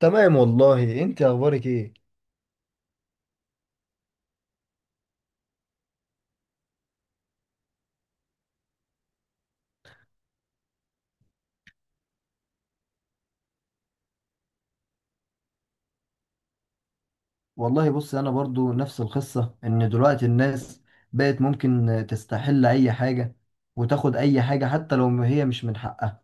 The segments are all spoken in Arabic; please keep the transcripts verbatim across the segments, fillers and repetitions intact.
تمام والله. انت اخبارك ايه؟ والله بص، انا برضو نفس القصة، ان دلوقتي الناس بقت ممكن تستحل اي حاجة، وتاخد اي حاجة حتى لو ما هي مش من حقها.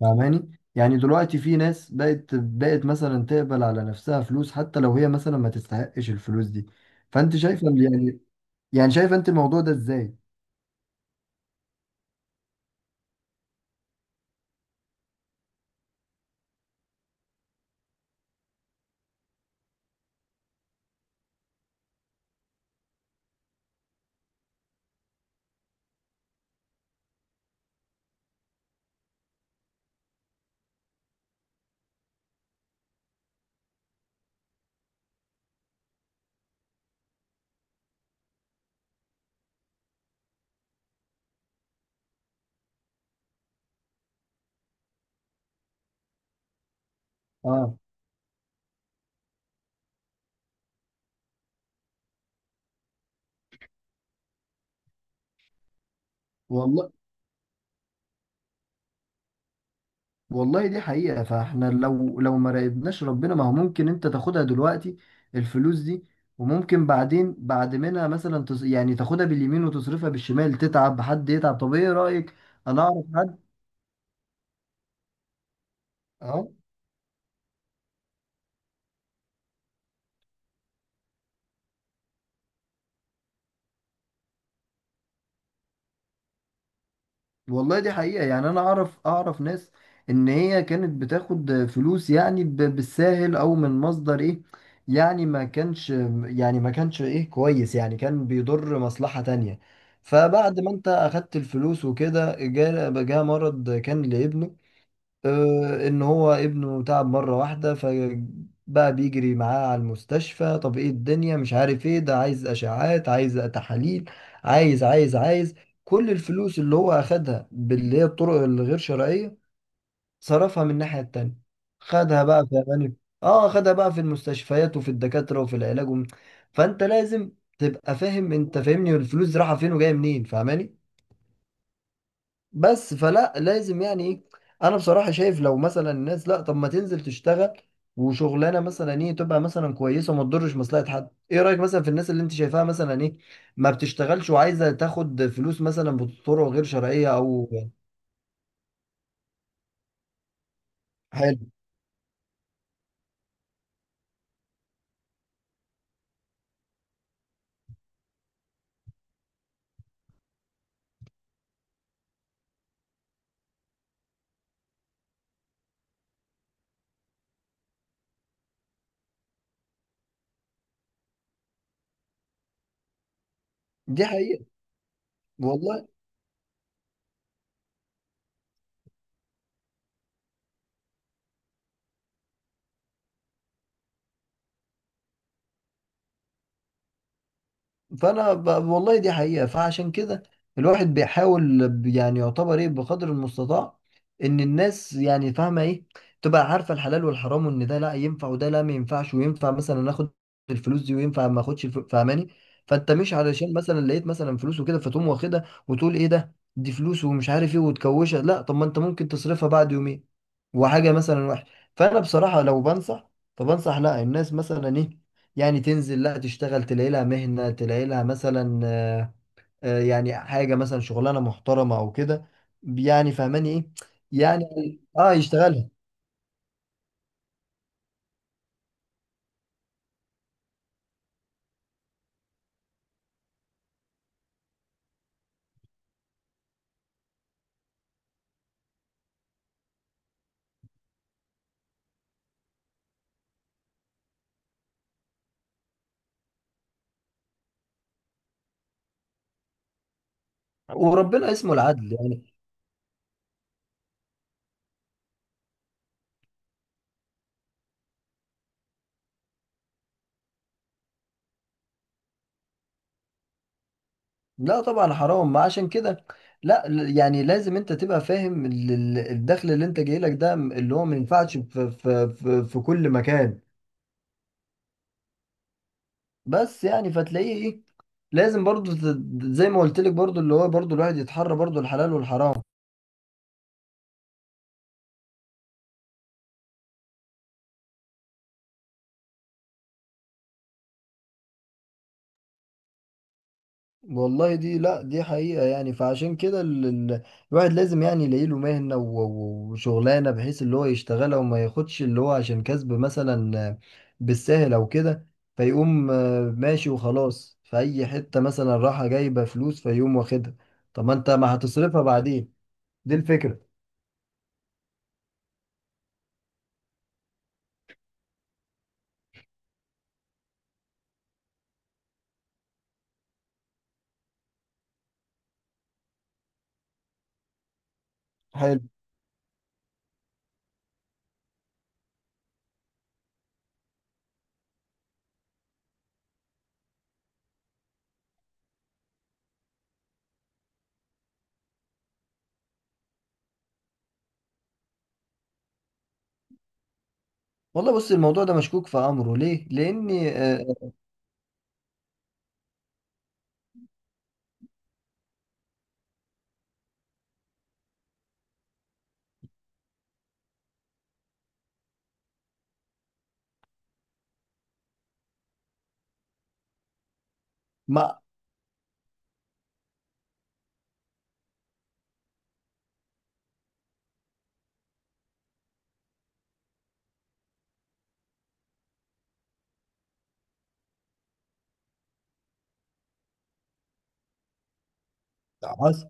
فاهماني، يعني دلوقتي في ناس بقت بقت مثلا تقبل على نفسها فلوس، حتى لو هي مثلا ما تستحقش الفلوس دي. فانت شايفة ال- يعني يعني شايفة انت الموضوع ده ازاي؟ اه، والله. والله دي حقيقة، فاحنا لو لو ما راقبناش ربنا، ما هو ممكن انت تاخدها دلوقتي الفلوس دي، وممكن بعدين بعد منها مثلا تص... يعني تاخدها باليمين وتصرفها بالشمال، تتعب حد يتعب. طب ايه رأيك؟ انا اعرف حد. اه، والله دي حقيقة. يعني أنا أعرف أعرف ناس إن هي كانت بتاخد فلوس، يعني ب- بالساهل، أو من مصدر إيه. يعني ما كانش يعني ما كانش إيه كويس، يعني كان بيضر مصلحة تانية. فبعد ما أنت أخدت الفلوس وكده، جاء جاء مرض كان لابنه. آه، ان هو ابنه تعب مرة واحدة، فبقى بيجري معاه على المستشفى. طب ايه؟ الدنيا مش عارف ايه. ده عايز اشعاعات، عايز تحاليل، عايز، عايز، عايز. كل الفلوس اللي هو اخدها باللي هي الطرق الغير شرعية، صرفها من الناحية التانية. خدها بقى في أمان- اه خدها بقى في المستشفيات، وفي الدكاترة، وفي العلاج، وم... فانت لازم تبقى فاهم. انت فاهمني الفلوس دي رايحة فين وجاية منين؟ فاهماني. بس فلا لازم، يعني ايه. انا بصراحة شايف، لو مثلا الناس، لا، طب ما تنزل تشتغل، وشغلانة مثلا ايه، تبقى مثلا كويسة، وما تضرش مصلحة حد. ايه رأيك مثلا في الناس اللي انت شايفاها مثلا ايه، ما بتشتغلش، وعايزة تاخد فلوس مثلا بطرق غير شرعية، او... حلو. دي حقيقة والله. فانا ب... والله دي حقيقة. فعشان كده، الواحد بيحاول ب- يعني يعتبر، ايه، بقدر المستطاع، ان الناس، يعني، فاهمة ايه، تبقى عارفة الحلال والحرام، وان ده لا ينفع، وده لا ما ينفعش، وينفع مثلا اخد الفلوس دي، وينفع ما اخدش الفلوس. فاهماني. فانت مش علشان مثلا لقيت مثلا فلوس وكده فتقوم واخدها، وتقول ايه ده، دي فلوس ومش عارف ايه، وتكوشها. لا، طب ما انت ممكن تصرفها بعد يومين، وحاجة مثلا وحش. فانا بصراحة لو بنصح، فبنصح لا، الناس مثلا ايه، يعني تنزل، لا، تشتغل، تلاقي لها مهنة، تلاقي لها مثلا آه، آه، يعني حاجة مثلا شغلانة محترمة أو كده، يعني فهماني إيه. يعني آه يشتغلها. وربنا اسمه العدل، يعني. لا، طبعا حرام، ما عشان كده. لا، ل- يعني لازم انت تبقى فاهم ال- ال- الدخل اللي انت جاي لك ده، م- اللي هو ما ينفعش في, في, في, في كل مكان. بس يعني فتلاقيه، ايه، لازم برضو ت- زي ما قلت لك، برضو اللي هو برضو الواحد يتحرى برضو الحلال والحرام. والله دي، لا، دي حقيقة. يعني فعشان كده ال... ال- الواحد لازم، يعني، يلاقي له مهنة، و... و- وشغلانة بحيث اللي هو يشتغلها، وما ياخدش اللي هو عشان كسب مثلا بالسهل أو كده. فيقوم آه، ماشي، وخلاص، في أي حتة مثلا راحة جايبة فلوس، فيقوم واخدها. طب ما أنت ما هتصرفها بعدين؟ دي الفكرة. حلو. والله بص، الموضوع ده مشكوك في أمره، ليه؟ لأن آه، مع، حصل.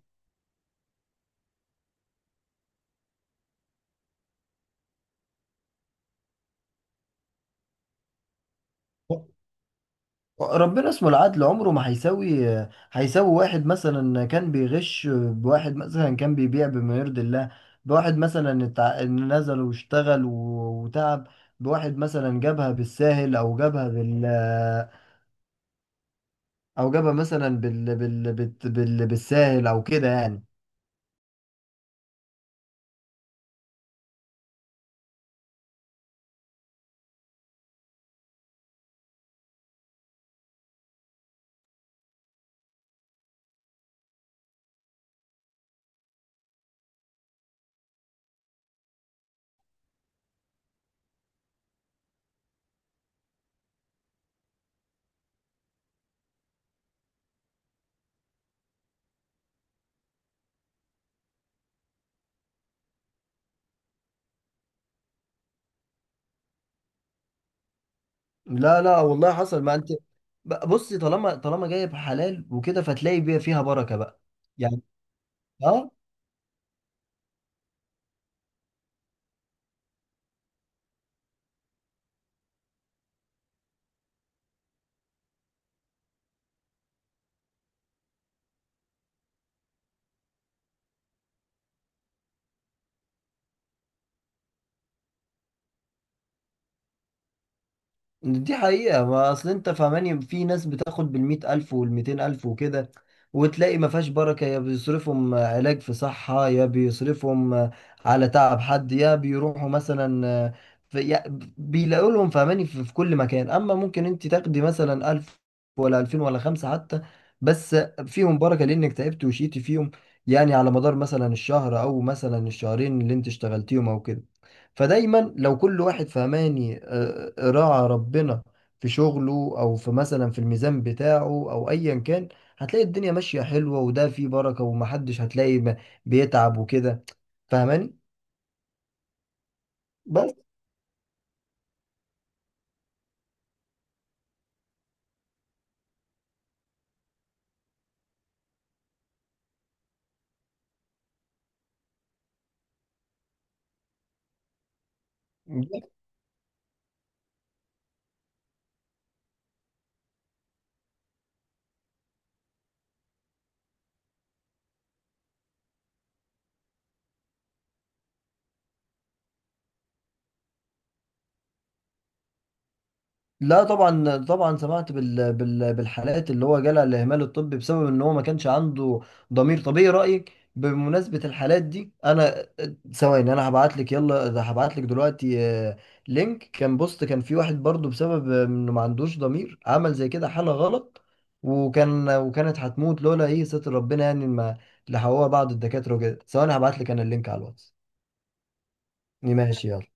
ربنا اسمه العدل، عمره ما هيساوي هيساوي واحد مثلا كان بيغش بواحد مثلا كان بيبيع بما يرضي الله، بواحد مثلا اتع- نزل واشتغل و- وتعب، بواحد مثلا جابها بالساهل، او جابها بال، او جابها مثلا بال... بال... بال... بال... بالساهل او كده، يعني. لا لا، والله حصل. ما انت، ب- بصي، طالما طالما جايب حلال وكده، فتلاقي بيها، فيها بركة بقى، يعني. اه، دي حقيقة. ما أصل أنت فاهماني، في ناس بتاخد بالمئة ألف والمئتين ألف وكده، وتلاقي ما فيهاش بركة. يا بيصرفهم علاج في صحة، يا بيصرفهم على تعب حد، يا بيروحوا مثلا في، يا بيلاقوا لهم. فاهماني في, في كل مكان. أما ممكن أنت تاخدي مثلا ألف، ولا ألفين، ولا خمسة حتى، بس فيهم بركة، لأنك تعبت وشيتي فيهم، يعني على مدار مثلا الشهر أو مثلا الشهرين اللي أنت اشتغلتيهم أو كده. فدايما لو كل واحد فهماني آه، آه، راعى ربنا في شغله، او في مثلا في الميزان بتاعه، او ايا كان، هتلاقي الدنيا ماشية حلوة، وده فيه بركة، ومحدش هتلاقي ب- بيتعب وكده. فاهماني. بس لا، طبعا طبعا سمعت بال بال بالحالات اللي هو جالها الاهمال الطبي، بسبب ان هو ما كانش عنده ضمير. طبيعي رايك بمناسبه الحالات دي، انا. ثواني، انا هبعت لك، يلا ده هبعت لك دلوقتي. آه، لينك كان بوست، كان في واحد برضو، بسبب آه، انه ما عندوش ضمير، عمل زي كده حاله غلط، وكان وكانت هتموت لولا ايه ستر ربنا، يعني ما لحقوها بعض الدكاتره وكده. ثواني هبعت لك انا اللينك على الواتس. ماشي، يلا.